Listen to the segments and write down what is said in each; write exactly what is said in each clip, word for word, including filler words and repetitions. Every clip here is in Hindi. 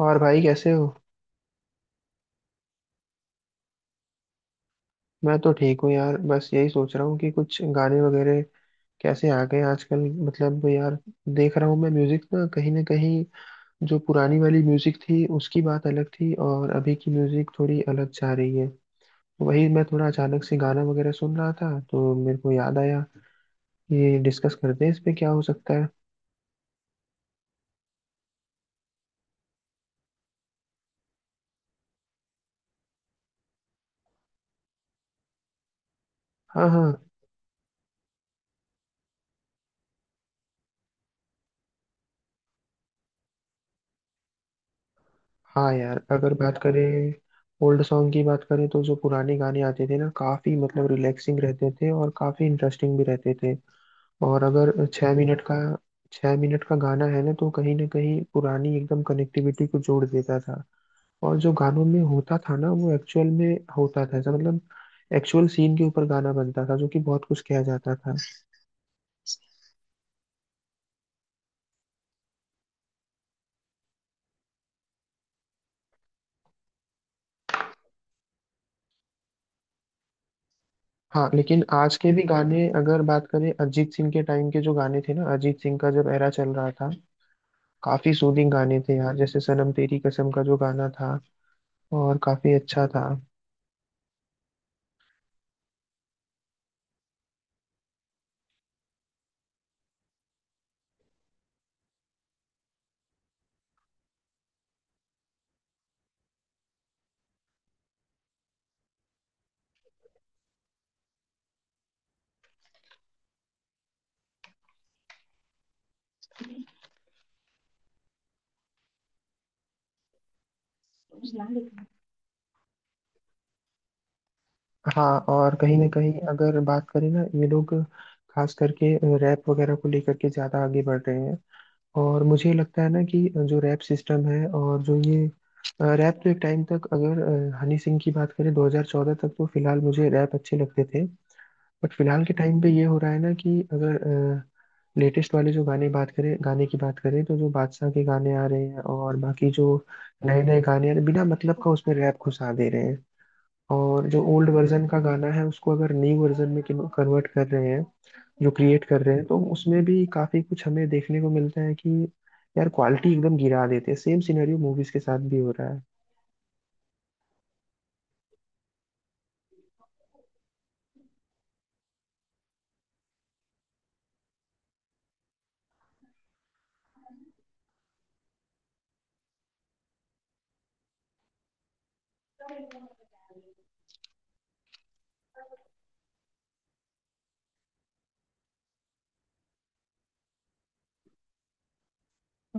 और भाई कैसे हो। मैं तो ठीक हूँ यार, बस यही सोच रहा हूँ कि कुछ गाने वगैरह कैसे आ गए आजकल। मतलब यार, देख रहा हूँ मैं म्यूजिक, ना कहीं ना कहीं जो पुरानी वाली म्यूजिक थी उसकी बात अलग थी और अभी की म्यूजिक थोड़ी अलग जा रही है। वही मैं थोड़ा अचानक से गाना वगैरह सुन रहा था तो मेरे को याद आया, ये डिस्कस करते हैं इस पे क्या हो सकता है। हाँ हाँ। हाँ यार, अगर बात करें ओल्ड सॉन्ग की बात करें तो जो पुराने गाने आते थे ना काफी मतलब रिलैक्सिंग रहते थे और काफी इंटरेस्टिंग भी रहते थे। और अगर छः मिनट का छः मिनट का गाना है ना तो कहीं ना कहीं पुरानी एकदम कनेक्टिविटी को जोड़ देता था। और जो गानों में होता था ना वो एक्चुअल में होता था, ऐसा मतलब एक्चुअल सीन के ऊपर गाना बनता था, जो कि बहुत कुछ किया जाता था। हाँ, लेकिन आज के भी गाने अगर बात करें, अरिजीत सिंह के टाइम के जो गाने थे ना, अरिजीत सिंह का जब एरा चल रहा था, काफी सूदिंग गाने थे यार। जैसे सनम तेरी कसम का जो गाना था और काफी अच्छा था। हाँ, और कहीं ना कहीं अगर बात करें ना ये लोग खास करके रैप वगैरह को लेकर के ज़्यादा आगे बढ़ रहे हैं। और मुझे लगता है ना कि जो रैप सिस्टम है और जो ये रैप तो एक टाइम तक, अगर अ, हनी सिंह की बात करें, दो हज़ार चौदह तक तो फिलहाल मुझे रैप अच्छे लगते थे। बट फिलहाल के टाइम पे ये हो रहा है ना कि अगर लेटेस्ट वाले जो गाने बात करें गाने की बात करें तो जो बादशाह के गाने आ रहे हैं और बाकी जो नए नए गाने आ रहे हैं, बिना मतलब का उसमें रैप घुसा दे रहे हैं। और जो ओल्ड वर्जन का गाना है उसको अगर न्यू वर्जन में कन्वर्ट कर रहे हैं, जो क्रिएट कर रहे हैं तो उसमें भी काफी कुछ हमें देखने को मिलता है कि यार क्वालिटी एकदम गिरा देते हैं। सेम सिनेरियो मूवीज के साथ भी हो रहा है।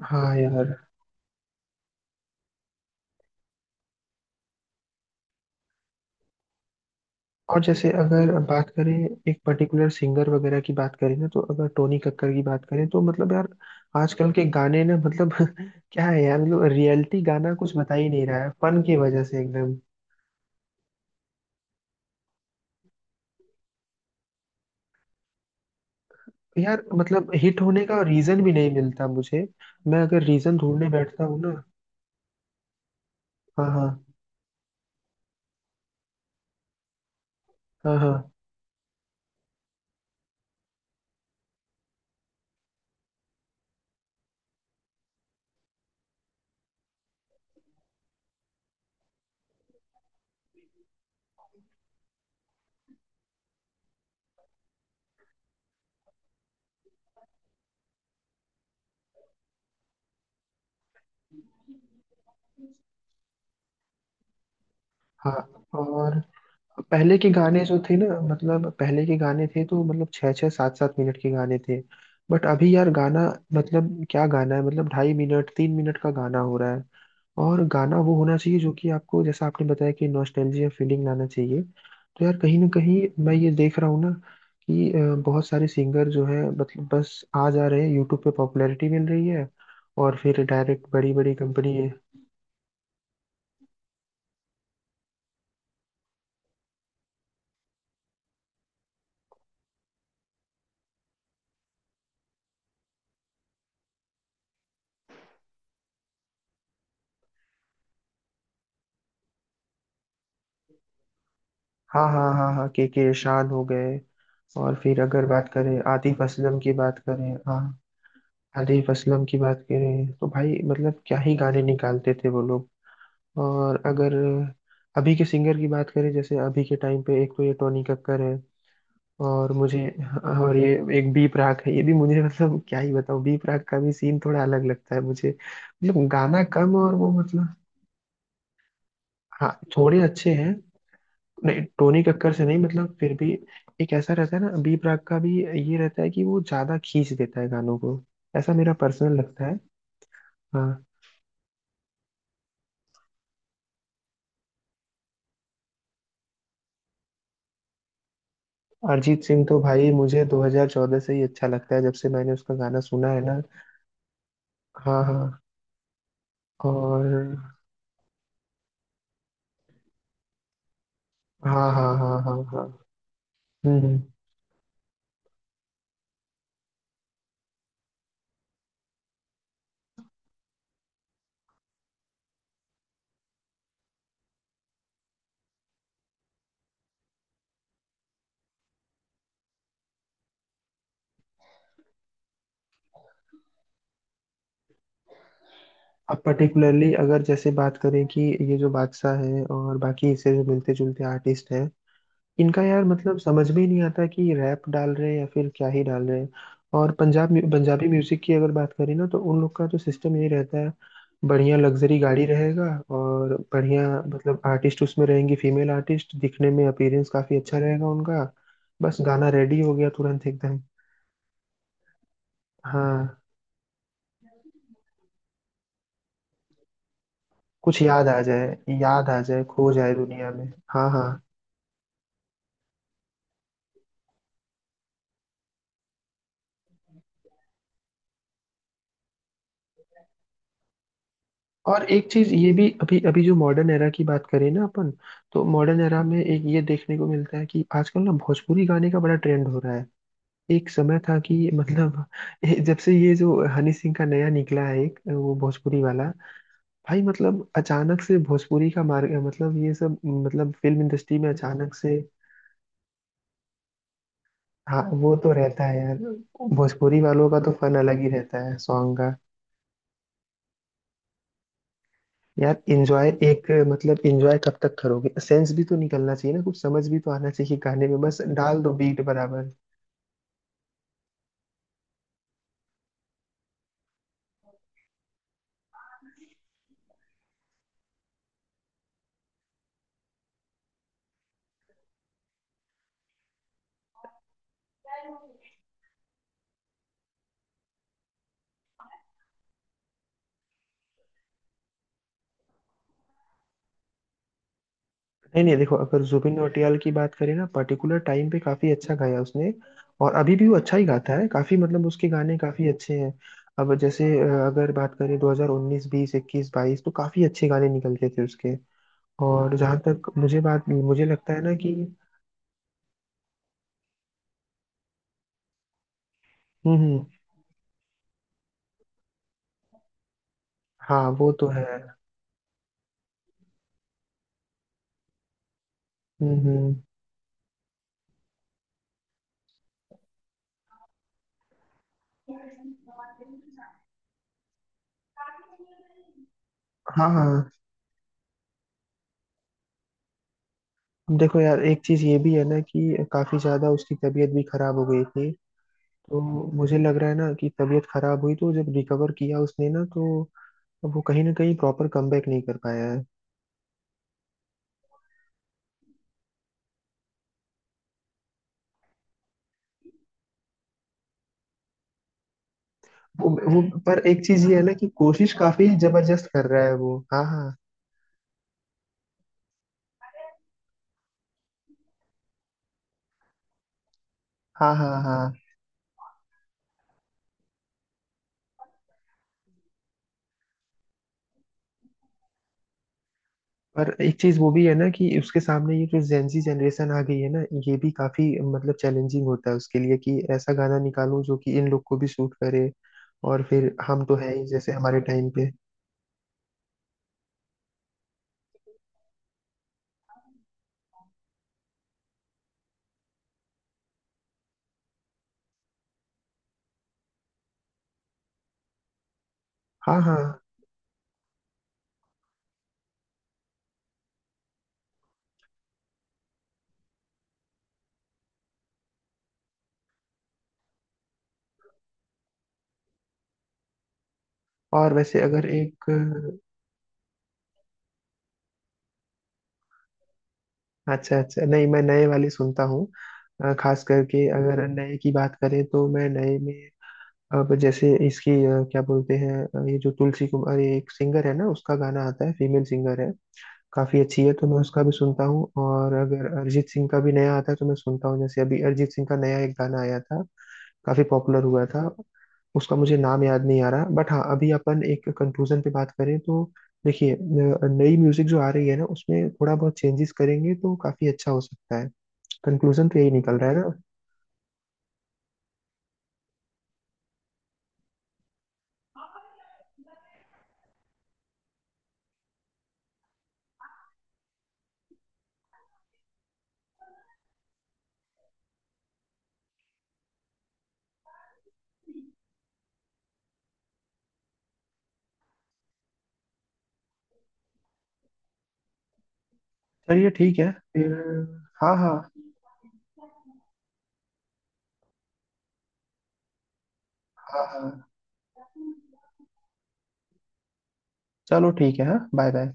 हाँ यार। और जैसे अगर बात करें एक पर्टिकुलर सिंगर वगैरह की बात करें ना, तो अगर टोनी कक्कर की बात करें तो मतलब यार आजकल के गाने ना मतलब क्या है यार। मतलब रियलिटी गाना कुछ बता ही नहीं रहा है, फन की वजह से एकदम। यार मतलब हिट होने का रीजन भी नहीं मिलता मुझे। मैं अगर रीजन ढूंढने बैठता हूँ ना। हाँ हाँ हाँ हाँ हाँ। और पहले के गाने जो थे ना, मतलब पहले के गाने थे तो मतलब छः छः सात सात मिनट के गाने थे। बट अभी यार गाना, मतलब क्या गाना है, मतलब ढाई मिनट तीन मिनट का गाना हो रहा है। और गाना वो होना चाहिए जो कि आपको, जैसा आपने बताया, कि नॉस्टैल्जिया फीलिंग लाना चाहिए। तो यार कहीं ना कहीं मैं ये देख रहा हूँ ना कि अ, बहुत सारे सिंगर जो है मतलब बस आ जा रहे हैं यूट्यूब पे पॉपुलैरिटी मिल रही है और फिर डायरेक्ट बड़ी बड़ी कंपनी। हाँ हाँ हाँ हाँ, के के शान हो गए। और फिर अगर बात करें आतिफ असलम की बात करें, हाँ, आतिफ असलम की बात करें तो भाई मतलब क्या ही गाने निकालते थे वो लोग। और अगर अभी के सिंगर की बात करें, जैसे अभी के टाइम पे एक तो ये टोनी कक्कर है, और मुझे। हाँ, और ये एक बी प्राक है, ये भी मुझे मतलब क्या ही बताऊं। बी प्राक का भी सीन थोड़ा अलग लगता है मुझे, मतलब गाना कम और वो मतलब। हाँ थोड़े अच्छे हैं, नहीं टोनी कक्कर से नहीं, मतलब फिर भी एक ऐसा रहता है ना बी प्राक का भी। ये रहता है कि वो ज्यादा खींच देता है गानों को, ऐसा मेरा पर्सनल लगता है। हाँ। अरिजीत सिंह तो भाई मुझे दो हज़ार चौदह से ही अच्छा लगता है, जब से मैंने उसका गाना सुना है ना। हाँ हाँ और हाँ हाँ हाँ हाँ हाँ हम्म हम्म। अब पर्टिकुलरली अगर जैसे बात करें कि ये जो बादशाह है और बाकी इससे जो मिलते जुलते आर्टिस्ट हैं, इनका यार मतलब समझ में ही नहीं आता कि रैप डाल रहे हैं या फिर क्या ही डाल रहे हैं। और पंजाब म्यू- पंजाबी म्यूजिक की अगर बात करें ना तो उन लोग का तो सिस्टम यही रहता है, बढ़िया लग्जरी गाड़ी रहेगा और बढ़िया, मतलब आर्टिस्ट उसमें रहेंगी, फीमेल आर्टिस्ट दिखने में अपीयरेंस काफी अच्छा रहेगा उनका, बस गाना रेडी हो गया तुरंत एकदम। हाँ, कुछ याद आ जाए, याद आ जाए खो जाए दुनिया में। हाँ हाँ। और एक चीज ये भी, अभी अभी जो मॉडर्न एरा की बात करें ना अपन, तो मॉडर्न एरा में एक ये देखने को मिलता है कि आजकल ना भोजपुरी गाने का बड़ा ट्रेंड हो रहा है। एक समय था कि मतलब ये- जब से ये जो हनी सिंह का नया निकला है एक वो भोजपुरी वाला, भाई मतलब अचानक से भोजपुरी का मार्ग, मतलब ये सब मतलब फिल्म इंडस्ट्री में अचानक से। हाँ वो तो रहता है यार, भोजपुरी वालों का तो फन अलग ही रहता है सॉन्ग। यार एंजॉय, एक मतलब एंजॉय कब तक करोगे, सेंस भी तो निकलना चाहिए ना, कुछ समझ भी तो आना चाहिए गाने में, बस डाल दो बीट बराबर। नहीं नहीं, देखो अगर जुबिन नौटियाल की बात करें ना, पर्टिकुलर टाइम पे काफी अच्छा गाया उसने। और अभी भी वो अच्छा ही गाता है, काफी मतलब उसके गाने काफी अच्छे हैं। अब जैसे अ, अगर बात करें दो हज़ार उन्नीस बीस इक्कीस बाईस तो काफी अच्छे गाने निकलते थे उसके। और जहां तक मुझे बात, मुझे लगता है ना कि हम्म हम्म, हाँ वो तो है। हम्म हम्म। हाँ हाँ, देखो यार एक चीज ये भी है ना कि काफी ज्यादा उसकी तबीयत भी खराब हो गई थी। तो मुझे लग रहा है ना कि तबीयत खराब हुई तो जब रिकवर किया उसने ना, तो वो कहीं ना कहीं प्रॉपर कमबैक नहीं कर पाया है। वो, वो पर एक चीज ये है ना कि कोशिश काफी जबरदस्त कर रहा है वो। हाँ हाँ हाँ हाँ हाँ। पर एक चीज वो भी है ना कि उसके सामने ये जो जेंजी जनरेशन आ गई है ना, ये भी काफी मतलब चैलेंजिंग होता है उसके लिए कि ऐसा गाना निकालूं जो कि इन लोग को भी सूट करे। और फिर हम तो है ही जैसे हमारे टाइम पे। हाँ हाँ। और वैसे अगर एक, अच्छा अच्छा, नहीं मैं नए वाले सुनता हूँ। अ, खास करके अगर नए की बात करें तो मैं नए में, अब जैसे इसकी अ, क्या बोलते हैं, अ, ये जो तुलसी कुमार, ये एक सिंगर है ना, उसका गाना आता है, फीमेल सिंगर है, काफी अच्छी है, तो मैं उसका भी सुनता हूँ। और अगर अरिजीत सिंह का भी नया आता है तो मैं सुनता हूँ। जैसे अभी अरिजीत सिंह का नया एक गाना आया था, काफी पॉपुलर हुआ था उसका, मुझे नाम याद नहीं आ रहा। बट हाँ, अभी अपन एक कंक्लूजन पे बात करें तो देखिए, न- नई म्यूजिक जो आ रही है ना उसमें थोड़ा बहुत चेंजेस करेंगे तो काफी अच्छा हो सकता है। कंक्लूजन तो यही निकल रहा है ना। चलिए ठीक है फिर। हाँ हाँ हाँ हाँ। चलो ठीक है हाँ, बाय बाय।